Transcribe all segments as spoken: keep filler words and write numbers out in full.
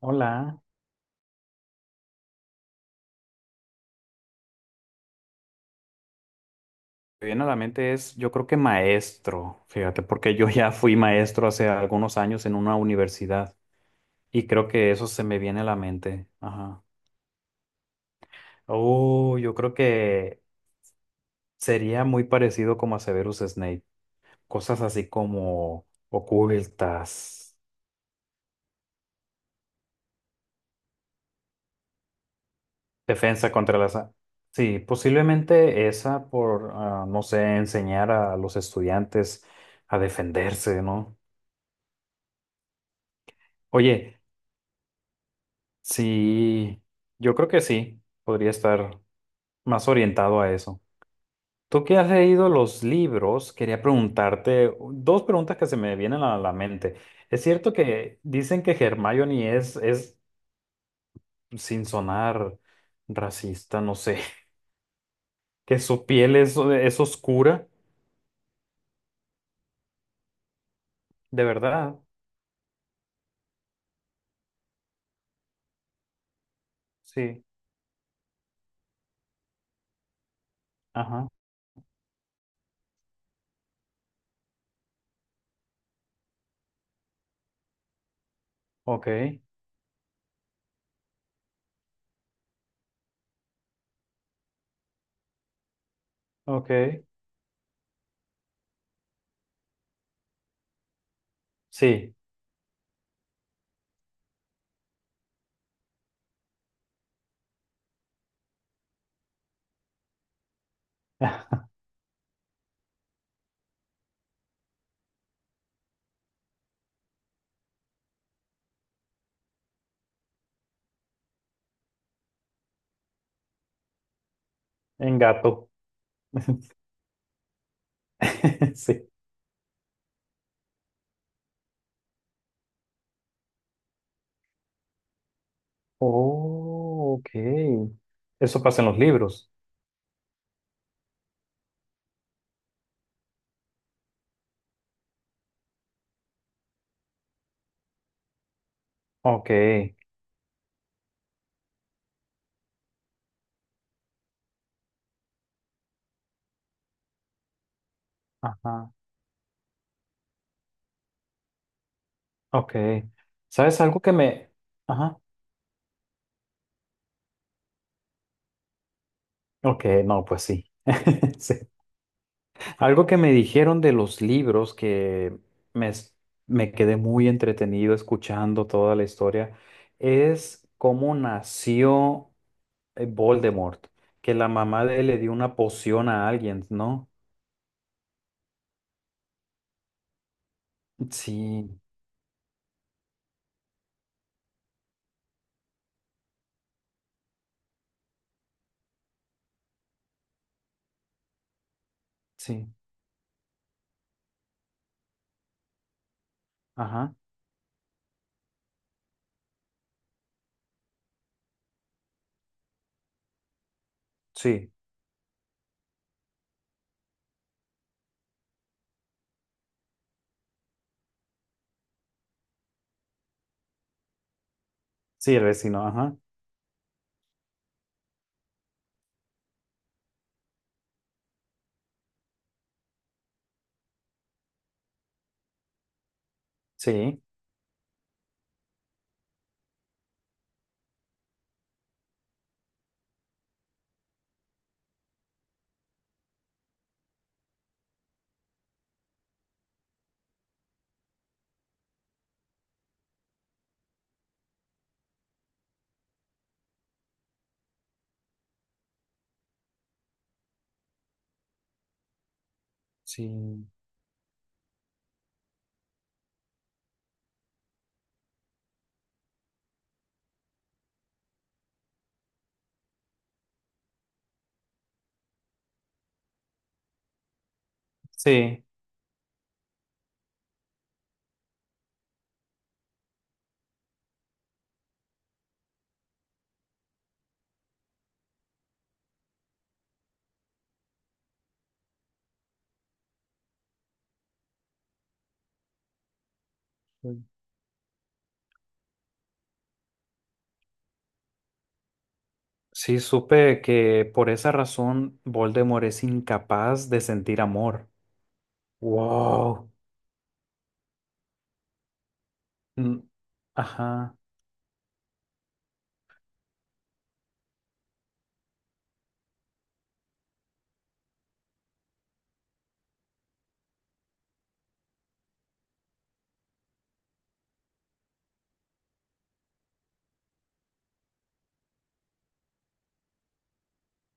Hola, me viene a la mente es, yo creo que maestro, fíjate, porque yo ya fui maestro hace algunos años en una universidad y creo que eso se me viene a la mente. Ajá. Oh, yo creo que sería muy parecido como a Severus Snape, cosas así como ocultas, defensa contra las... a- Sí, posiblemente esa por, ah, no sé, enseñar a los estudiantes a defenderse, ¿no? Oye. Sí, yo creo que sí, podría estar más orientado a eso. Tú que has leído los libros, quería preguntarte dos preguntas que se me vienen a la mente. ¿Es cierto que dicen que Hermione es, es sin sonar racista, no sé, que su piel es, es oscura? ¿De verdad? Sí. Ajá. Ok. Ok. Sí. En gato. Sí. Oh, ok. Eso pasa en los libros. Ok, ajá, ok. ¿Sabes algo que me... Ajá, ok, no, pues sí. Sí. Algo que me dijeron de los libros que me, es- me quedé muy entretenido escuchando toda la historia es cómo nació eh, Voldemort, que la mamá de él le dio una poción a alguien, ¿no? Sí, sí, ajá, sí, sí, vecino, ajá, sí, sí, sí. Sí, supe que por esa razón Voldemort es incapaz de sentir amor. Wow. Mm, ajá,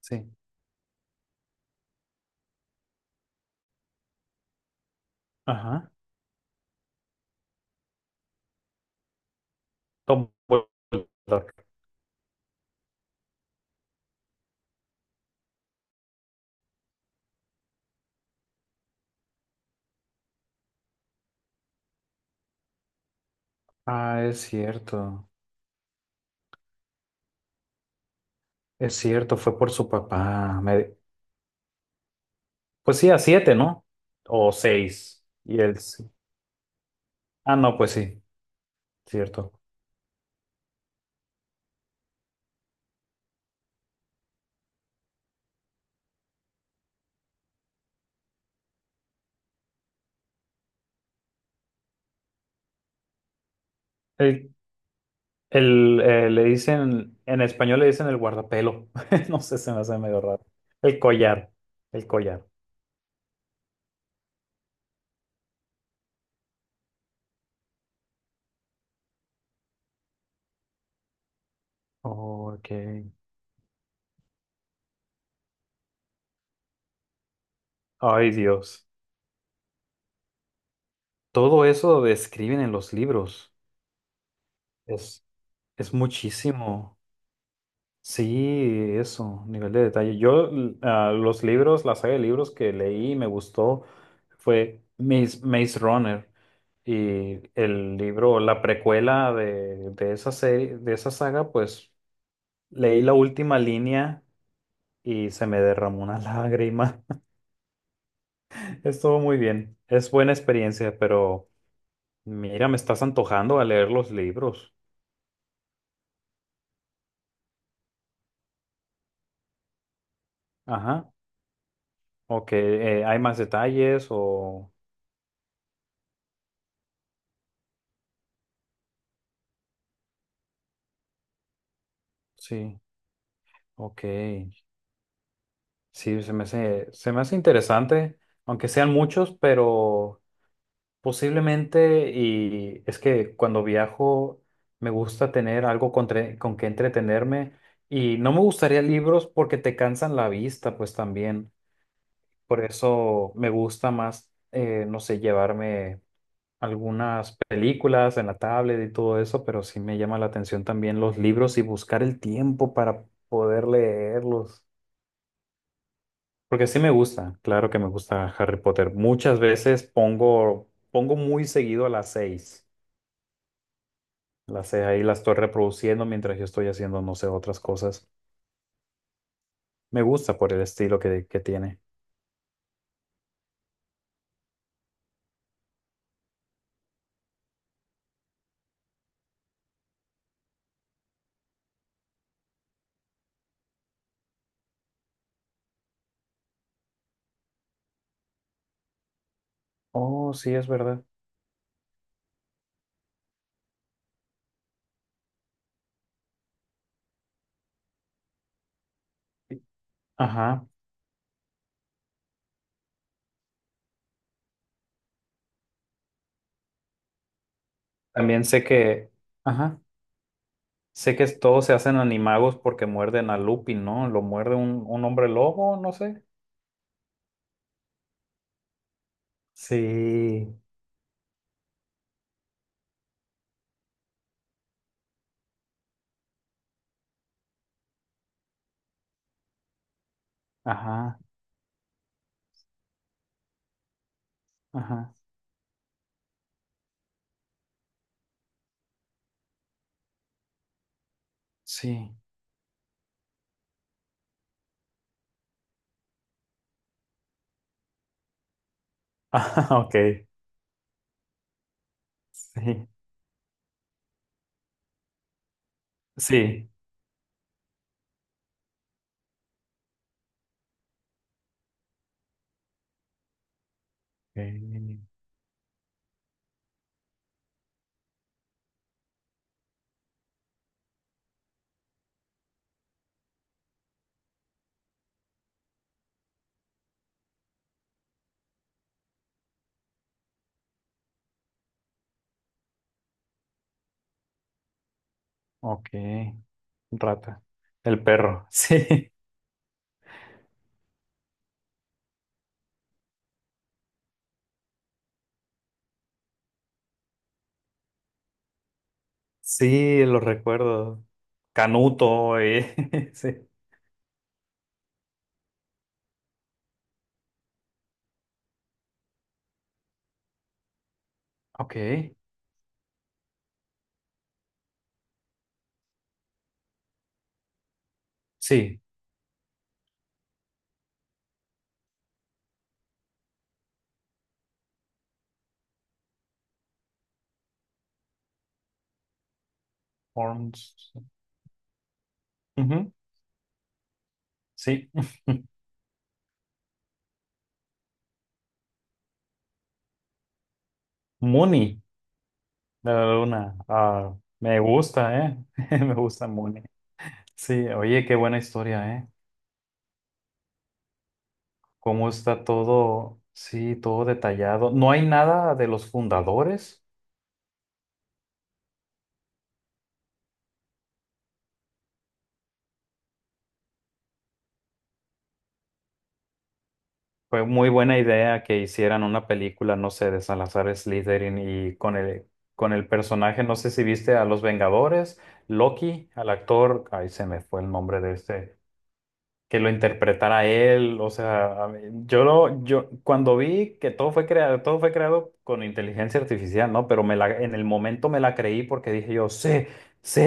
sí. Ajá. Tom Voldemort. Ah, es cierto. Es cierto, fue por su papá. Me- Pues sí, a siete, ¿no? O seis. Y él sí. Ah, no, pues sí, cierto. El, el, eh, Le dicen, en español le dicen el guardapelo. No sé, se me hace medio raro. El collar. El collar. Ok. Ay, Dios. Todo eso lo describen en los libros. Es, es muchísimo. Sí, eso, nivel de detalle. Yo, l- ah, los libros, la saga de libros que leí y me gustó fue Maze, Maze Runner. Y el libro, la precuela de, de esa serie, de esa saga, pues leí la última línea y se me derramó una lágrima. Estuvo muy bien. Es buena experiencia, pero mira, me estás antojando a leer los libros. Ajá. Ok, eh, ¿hay más detalles o...? Sí, ok. Sí, se me hace, se me hace interesante, aunque sean muchos, pero posiblemente, y es que cuando viajo me gusta tener algo con, tre- con que entretenerme y no me gustaría libros porque te cansan la vista, pues también. Por eso me gusta más, eh, no sé, llevarme... algunas películas en la tablet y todo eso, pero sí me llama la atención también los libros y buscar el tiempo para poder leerlos. Porque sí me gusta, claro que me gusta Harry Potter. Muchas veces pongo, pongo muy seguido a las seis. Las seis ahí las estoy reproduciendo mientras yo estoy haciendo, no sé, otras cosas. Me gusta por el estilo que, que tiene. Oh, sí, es verdad. Ajá. También sé que, ajá. Sé que todos se hacen animagos porque muerden a Lupin, ¿no? Lo muerde un, un hombre lobo, no sé. Sí, ajá, ajá, sí. Ajá, ok, sí, sí. Ok, ok, rata. El perro, sí, sí, lo recuerdo. Canuto, eh, sí. Ok, sí. Horns. Ujú, sí. Mooney, la luna. Ah, me gusta, ¿eh? Me gusta Mooney. Sí, oye, qué buena historia, ¿eh? Cómo está todo, sí, todo detallado. No hay nada de los fundadores. Fue muy buena idea que hicieran una película, no sé, de Salazar Slytherin y con el, con el personaje, no sé si viste a Los Vengadores, Loki, al actor, ay, se me fue el nombre de este, que lo interpretara él, o sea, a mí- yo lo, yo cuando vi que todo fue creado, todo fue creado con inteligencia artificial, ¿no? Pero me la, en el momento me la creí porque dije yo, sí. Sí,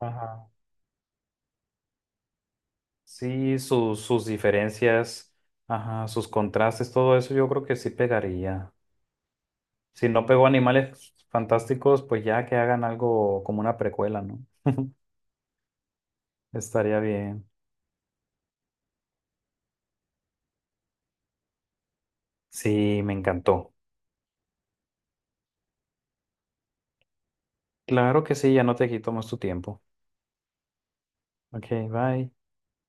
ajá. Sí, sus, sus diferencias, ajá, sus contrastes, todo eso yo creo que sí pegaría. Si no pegó Animales Fantásticos, pues ya que hagan algo como una precuela, ¿no? Estaría bien. Sí, me encantó. Claro que sí, ya no te quito más tu tiempo. Ok, bye.